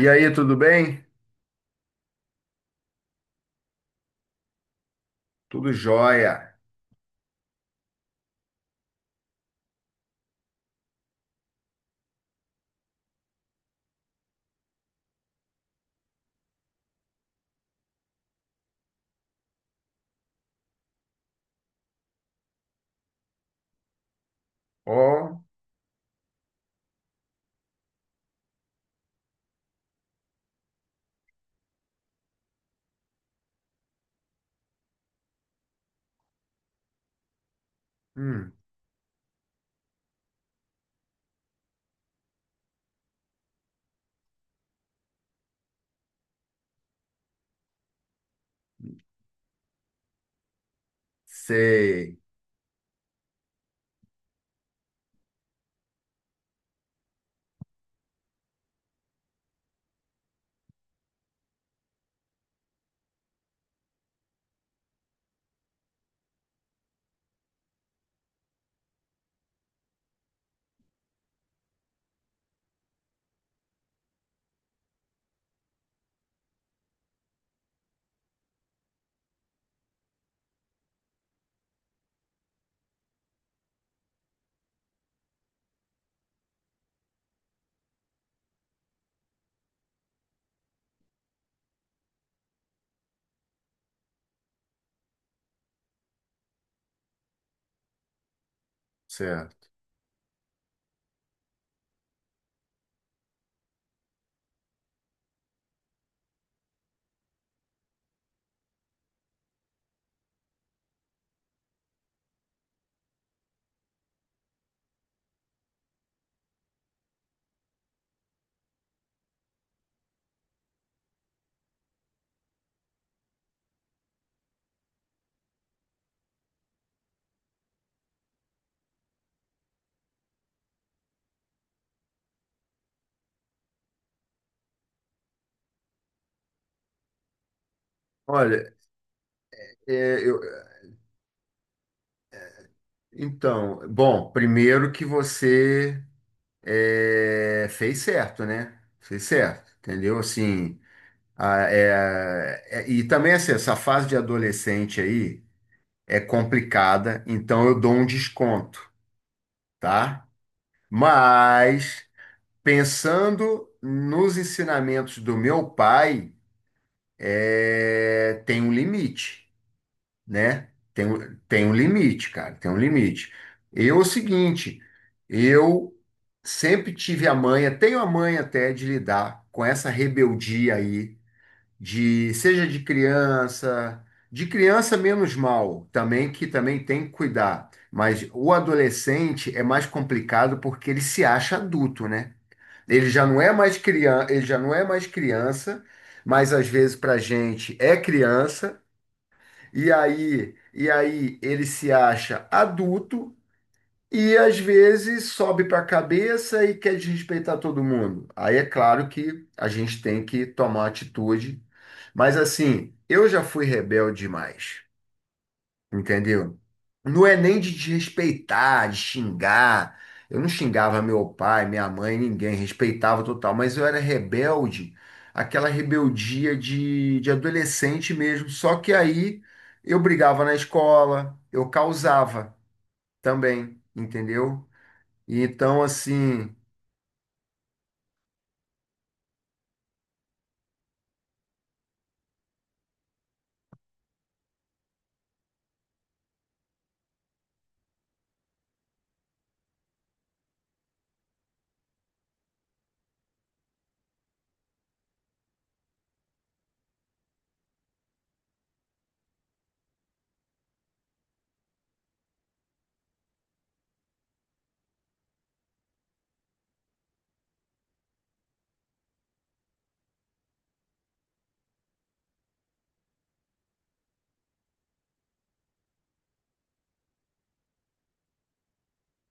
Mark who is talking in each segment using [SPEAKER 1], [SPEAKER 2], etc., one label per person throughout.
[SPEAKER 1] E aí, tudo bem? Tudo jóia. Ó, hum, sei, certo. Olha, eu, então, bom, primeiro que você fez certo, né? Fez certo, entendeu? Assim, e também assim, essa fase de adolescente aí é complicada, então eu dou um desconto, tá? Mas pensando nos ensinamentos do meu pai. É, tem um limite, né? Tem um limite, cara, tem um limite. Eu, é o seguinte, eu sempre tive a manha, tenho a manha até de lidar com essa rebeldia aí, de seja de criança menos mal, também que também tem que cuidar. Mas o adolescente é mais complicado porque ele se acha adulto, né? Ele já não é mais criança, ele já não é mais criança, mas às vezes para gente é criança, e aí ele se acha adulto e às vezes sobe para a cabeça e quer desrespeitar todo mundo. Aí é claro que a gente tem que tomar atitude, mas assim, eu já fui rebelde demais. Entendeu? Não é nem de desrespeitar, de xingar. Eu não xingava meu pai, minha mãe, ninguém, respeitava total, mas eu era rebelde, aquela rebeldia de adolescente mesmo. Só que aí eu brigava na escola, eu causava também, entendeu? E então, assim.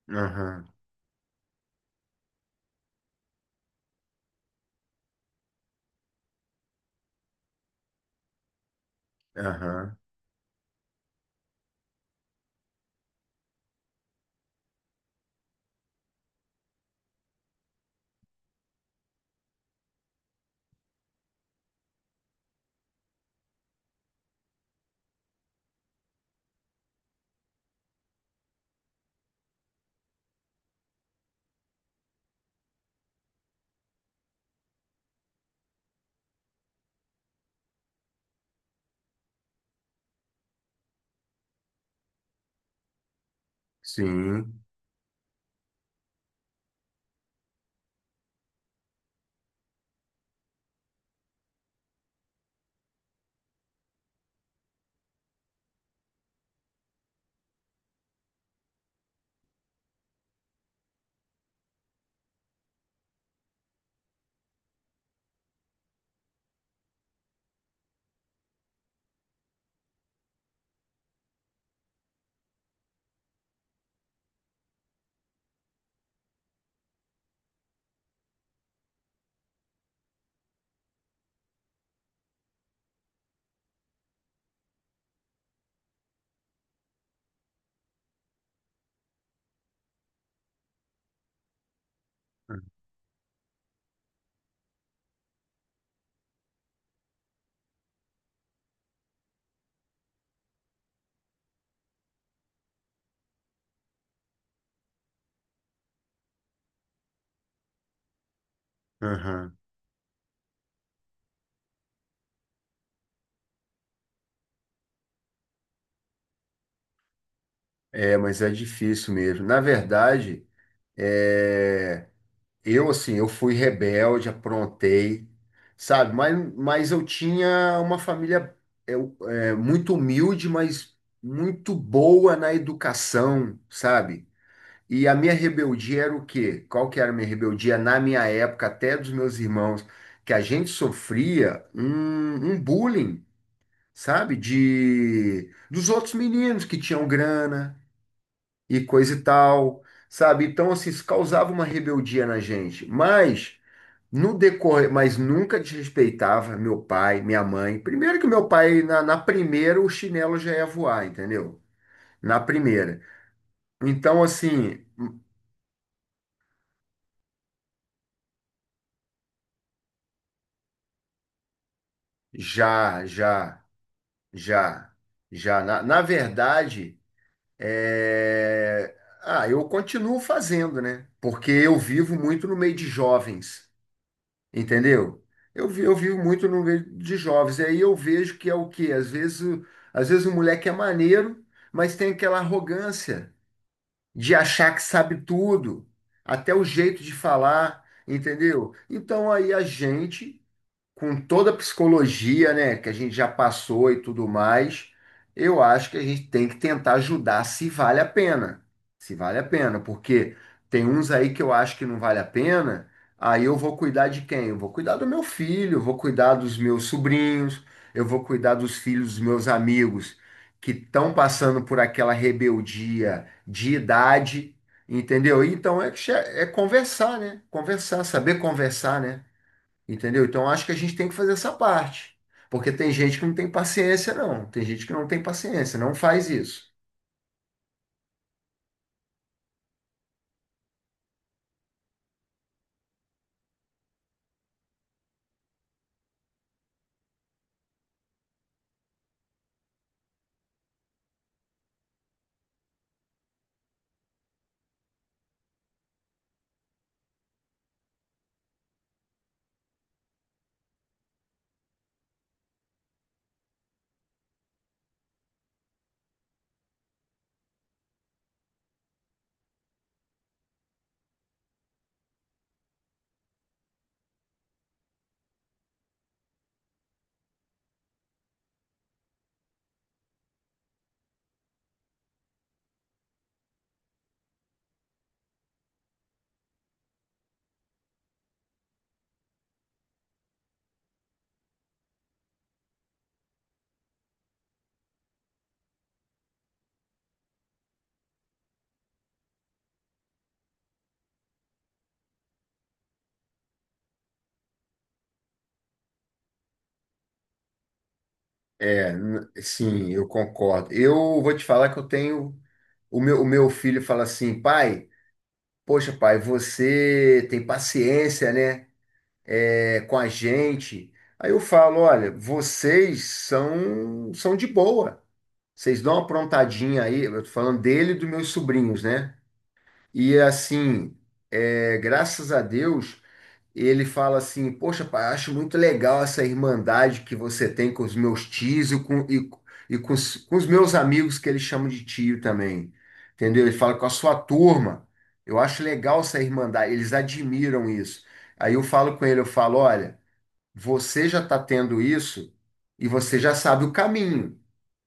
[SPEAKER 1] Aham, aham, sim. Aham. É, mas é difícil mesmo. Na verdade, é. Eu, assim, eu fui rebelde, aprontei, sabe? Mas eu tinha uma família eu, é, muito humilde, mas muito boa na educação, sabe? E a minha rebeldia era o quê? Qual que era a minha rebeldia na minha época, até dos meus irmãos, que a gente sofria um bullying, sabe? De, dos outros meninos que tinham grana e coisa e tal, sabe? Então, assim, isso causava uma rebeldia na gente, mas no decorrer, mas nunca desrespeitava meu pai, minha mãe. Primeiro que meu pai, na primeira, o chinelo já ia voar, entendeu? Na primeira. Então, assim, já, já, já, já. Na verdade, é, ah, eu continuo fazendo, né? Porque eu vivo muito no meio de jovens, entendeu? Eu vivo muito no meio de jovens. E aí eu vejo que é o quê? Às vezes o moleque é maneiro, mas tem aquela arrogância, de achar que sabe tudo, até o jeito de falar, entendeu? Então aí a gente com toda a psicologia, né, que a gente já passou e tudo mais, eu acho que a gente tem que tentar ajudar se vale a pena. Se vale a pena, porque tem uns aí que eu acho que não vale a pena, aí eu vou cuidar de quem? Eu vou cuidar do meu filho, eu vou cuidar dos meus sobrinhos, eu vou cuidar dos filhos dos meus amigos que estão passando por aquela rebeldia de idade, entendeu? Então é conversar, né? Conversar, saber conversar, né? Entendeu? Então acho que a gente tem que fazer essa parte. Porque tem gente que não tem paciência, não. Tem gente que não tem paciência, não faz isso. Sim, eu concordo. Eu vou te falar que eu tenho. O meu filho fala assim, pai, poxa, pai, você tem paciência, né? É, com a gente. Aí eu falo, olha, vocês são, são de boa. Vocês dão uma aprontadinha aí, eu tô falando dele e dos meus sobrinhos, né? E assim, é, graças a Deus. Ele fala assim: poxa, pai, acho muito legal essa irmandade que você tem com os meus tios e com os meus amigos, que eles chamam de tio também. Entendeu? Ele fala com a sua turma. Eu acho legal essa irmandade, eles admiram isso. Aí eu falo com ele: eu falo, olha, você já está tendo isso e você já sabe o caminho.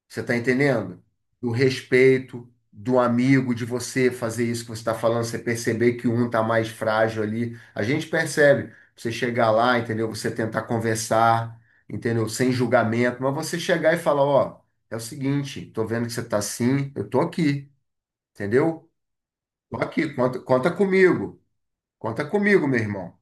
[SPEAKER 1] Você está entendendo? Do respeito, do amigo, de você fazer isso que você está falando, você perceber que um está mais frágil ali. A gente percebe. Você chegar lá, entendeu? Você tentar conversar, entendeu? Sem julgamento, mas você chegar e falar, ó, é o seguinte, tô vendo que você tá assim, eu tô aqui, entendeu? Tô aqui, conta, conta comigo, meu irmão.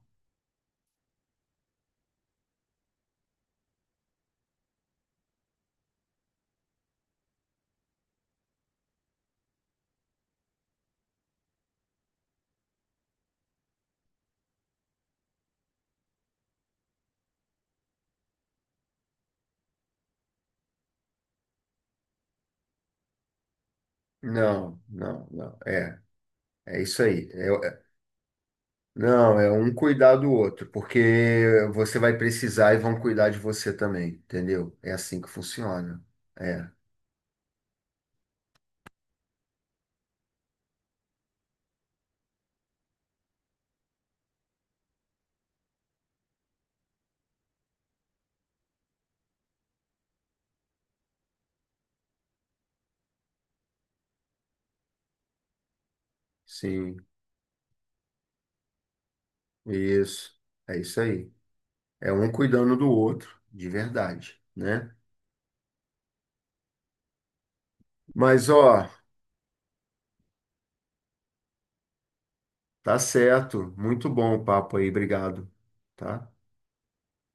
[SPEAKER 1] Não, não, não. É, é isso aí. É, não, é um cuidar do outro, porque você vai precisar e vão cuidar de você também, entendeu? É assim que funciona. É, sim, isso. É isso aí. É um cuidando do outro, de verdade, né? Mas, ó, tá certo. Muito bom o papo aí, obrigado, tá?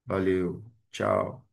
[SPEAKER 1] Valeu, tchau.